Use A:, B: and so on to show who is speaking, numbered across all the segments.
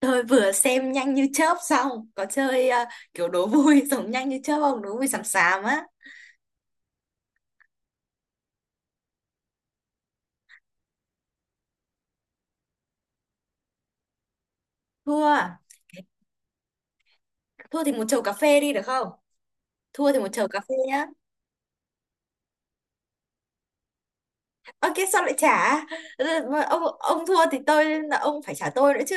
A: Tôi vừa xem nhanh như chớp xong có chơi kiểu đố vui giống nhanh như chớp không, đố vui xàm xàm á. Thua. Thua thì một chầu cà phê đi được không? Thua thì một chầu cà phê nhá. Ok, sao lại trả? Ừ, mà ông thua thì tôi, là ông phải trả tôi nữa chứ.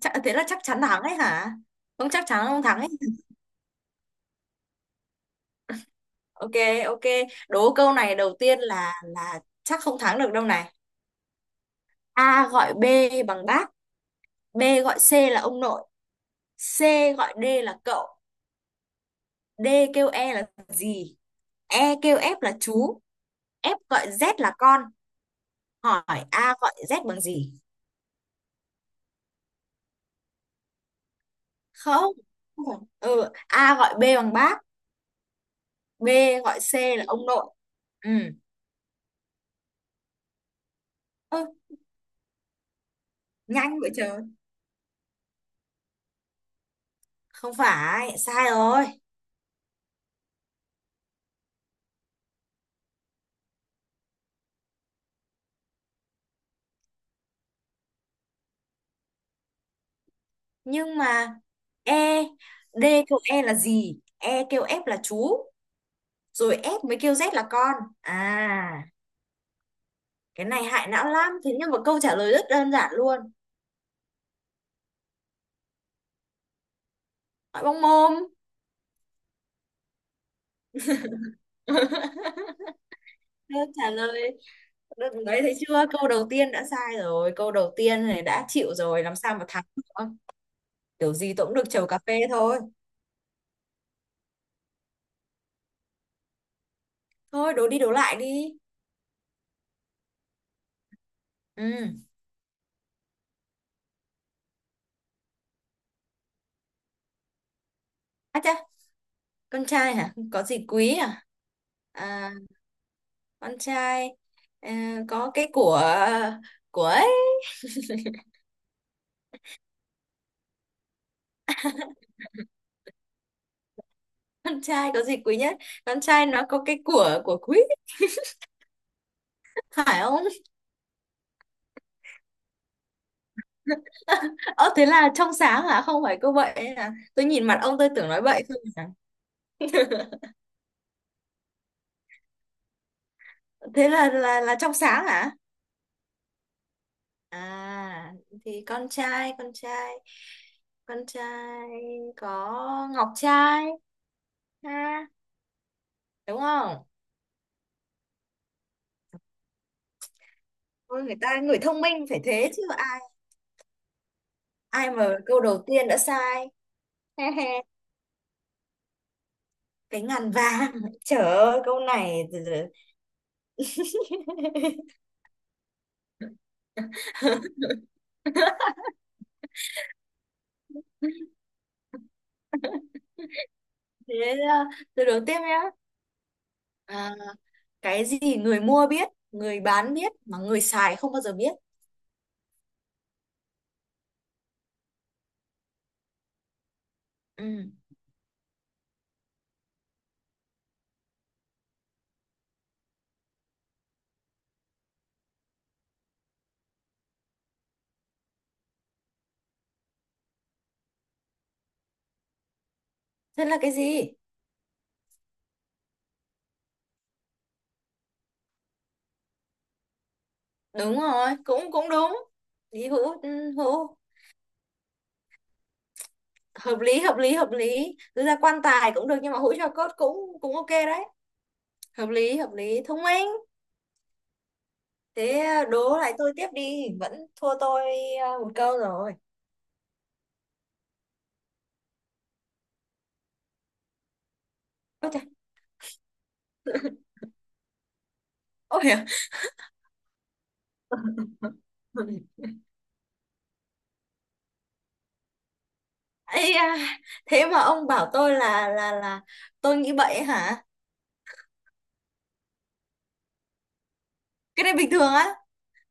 A: Chả, thế là chắc chắn thắng ấy hả? Không, chắc chắn không thắng ấy. Ok. Ok. Đố câu này đầu tiên là chắc không thắng được đâu này. A gọi B bằng bác. B gọi C là ông nội. C gọi D là cậu. D kêu E là gì? E kêu F là chú, F gọi Z là con. Hỏi A gọi Z bằng gì? Không. Không phải. Ừ, A gọi B bằng bác, B gọi C là ông nội. Ừ. Ơ, nhanh vậy trời. Không phải, sai rồi. Nhưng mà E, D kêu E là gì? E kêu F là chú, rồi F mới kêu Z là con. À, cái này hại não lắm. Thế nhưng mà câu trả lời rất đơn giản luôn. Hỏi bông mồm. Câu trả lời. Đừng- đấy thấy chưa, câu đầu tiên đã sai rồi, câu đầu tiên này đã chịu rồi làm sao mà thắng được. Kiểu gì tôi cũng được chầu cà phê thôi. Thôi đố đi, đố lại đi. Ừ. À chà, con trai hả, có gì quý à? À, con trai, à, có cái của ấy. Con trai có gì quý nhất? Con trai nó có cái của quý, phải không? Ơ, thế là trong sáng hả? Không phải cô vậy à? Tôi nhìn mặt ông tôi tưởng nói bậy thôi mà. Thế là trong sáng hả? À, thì con trai có ngọc trai, ha, đúng không? Ôi, người ta người thông minh phải thế chứ, ai ai mà câu đầu tiên đã sai. Cái ngàn vàng. Trời ơi, câu này từ từ. Thế uh, từ đầu tiếp nhá. À, cái gì người mua biết, người bán biết mà người xài không bao giờ biết. Ừ. Thế là cái gì? Đúng rồi, cũng cũng đúng. Lý hữu, ừ, hữu hợp lý, hợp lý, hợp lý. Thực ra quan tài cũng được nhưng mà hũ cho cốt cũng cũng ok đấy. Hợp lý, hợp lý, thông minh. Thế à, đố lại tôi tiếp đi, vẫn thua tôi à, một câu rồi. Ôi trời. Ôi à. Ây da, thế mà ông bảo tôi là tôi nghĩ vậy hả? Cái này bình thường á?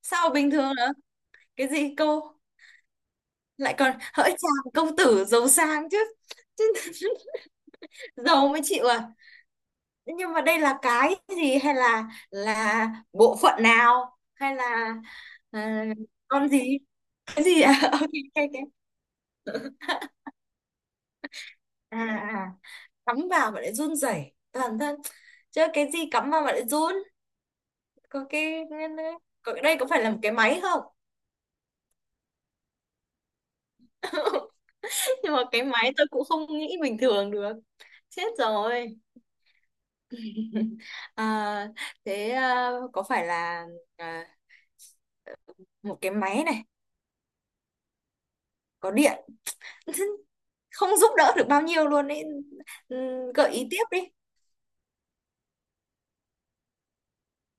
A: Sao mà bình thường nữa? Cái gì cô, lại còn hỡi chàng công tử giàu sang chứ. Giàu mới chịu à? Nhưng mà đây là cái gì, hay là bộ phận nào hay là, ờ, con gì? Cái gì à? Ok, ok, ok. À à. À. Cắm vào mà lại run rẩy toàn thân, chứ cái gì cắm vào mà lại run? Có cái, có đây, có phải là một cái máy không? Nhưng mà cái máy tôi cũng không nghĩ bình thường được. Chết rồi. À, thế à, có phải là, à, một cái máy này có điện. Không giúp đỡ được bao nhiêu luôn ấy. Ừ, gợi ý tiếp đi.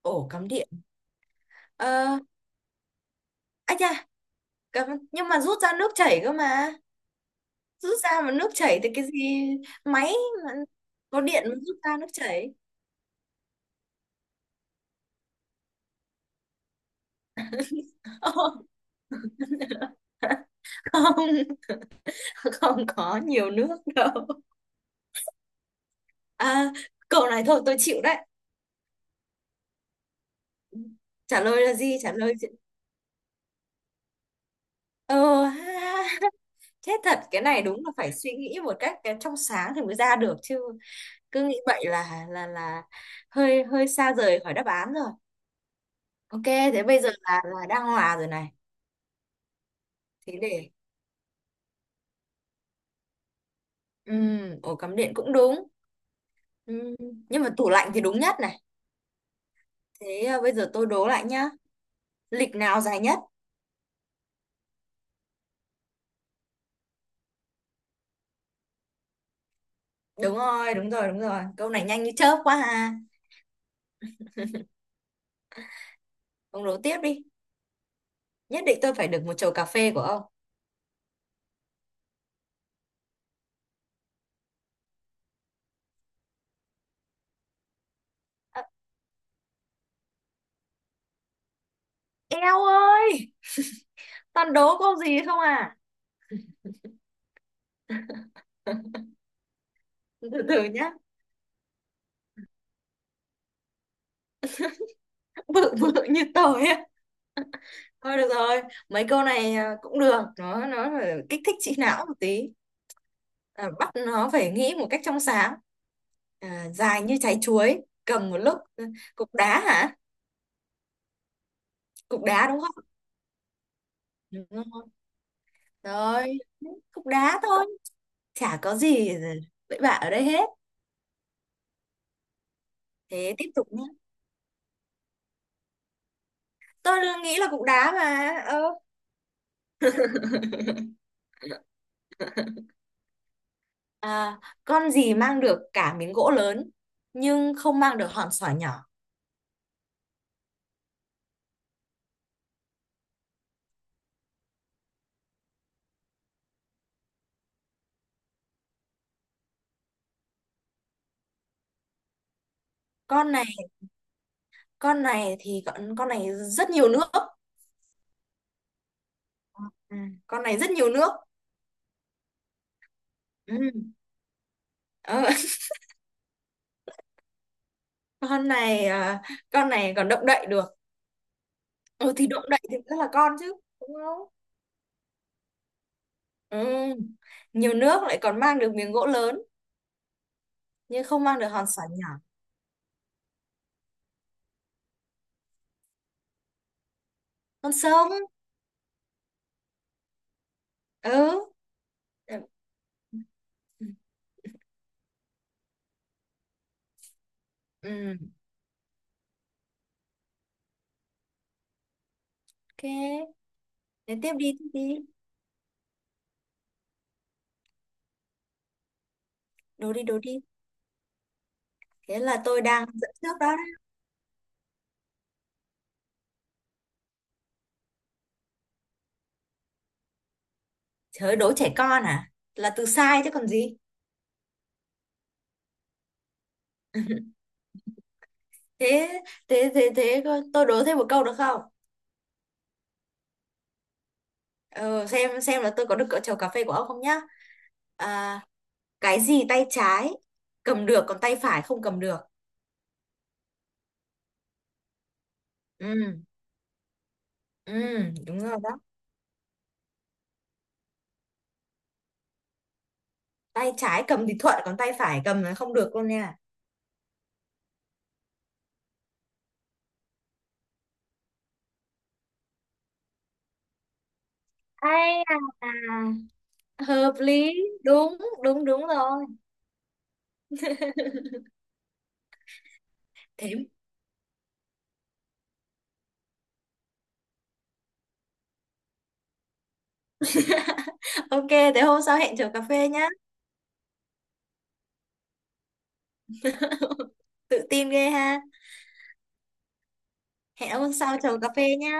A: Ổ cắm điện. Ờ. À chà, cắm nhưng mà rút ra nước chảy cơ mà, rút ra mà nước chảy thì cái gì? Máy mà có điện mà rút ra nước chảy. Không, không có nhiều nước đâu. À, câu này thôi tôi chịu đấy. Trả lời là gì, trả lời gì? Ờ ha, ha. Thế thật, cái này đúng là phải suy nghĩ một cách cái trong sáng thì mới ra được chứ. Cứ nghĩ vậy là hơi hơi xa rời khỏi đáp án rồi. Ok thế bây giờ là đang hòa rồi này. Thế để, ổ cắm điện cũng đúng. Ừm, nhưng mà tủ lạnh thì đúng nhất này. Thế à, bây giờ tôi đố lại nhá. Lịch nào dài nhất? Đúng rồi, đúng rồi, đúng rồi, câu này nhanh như chớp quá ha. Ông đố tiếp đi, nhất định tôi phải được một chầu cà phê của ông. À, eo ơi, toàn đố câu gì không à. Từ từ nhá, bự bự như tôi á. Thôi được rồi, mấy câu này à, cũng được, nó phải kích thích trí não một tí. À, bắt nó phải nghĩ một cách trong sáng. À, dài như trái chuối, cầm một lúc. Ừ, cục đá hả? Cục đá đúng không? Đúng rồi. Rồi, cục đá thôi, chả có gì ừ, bậy bạ ở đây hết. Thế tiếp tục nhé. Tôi nghĩ là cục đá mà. Ờ. À, con gì mang được cả miếng gỗ lớn nhưng không mang được hòn sỏi nhỏ. Con này, con này thì con này rất nhiều nước. À, con này rất nhiều nước. Ừ. Ờ, con này à, con này còn động đậy được. Ừ, thì động đậy thì rất là con chứ, đúng không? Ừ. Nhiều nước lại còn mang được miếng gỗ lớn nhưng không mang được hòn sỏi nhỏ. Con sông. Ừ. Ừ. Ừ. Ok thế tiếp đi, tiếp đi. Đố đi, đố đi. Thế là tôi đang dẫn trước đó. Trời ơi, đố trẻ con à, là từ sai chứ còn gì. Thế thế thế, thế tôi đố thêm một câu được không? Ừ, xem là tôi có được cỡ chầu cà phê của ông không nhá. À, cái gì tay trái cầm được còn tay phải không cầm được? Ừ. Ừ. Đúng rồi đó. Tay trái cầm thì thuận còn tay phải cầm là không được luôn nha. Ai, à, hợp lý, đúng, đúng đúng rồi. Thế ok, thế hôm sau hẹn chiều cà phê nhá. Tự tin ghê ha. Hẹn hôm sau chiều cà phê nhá.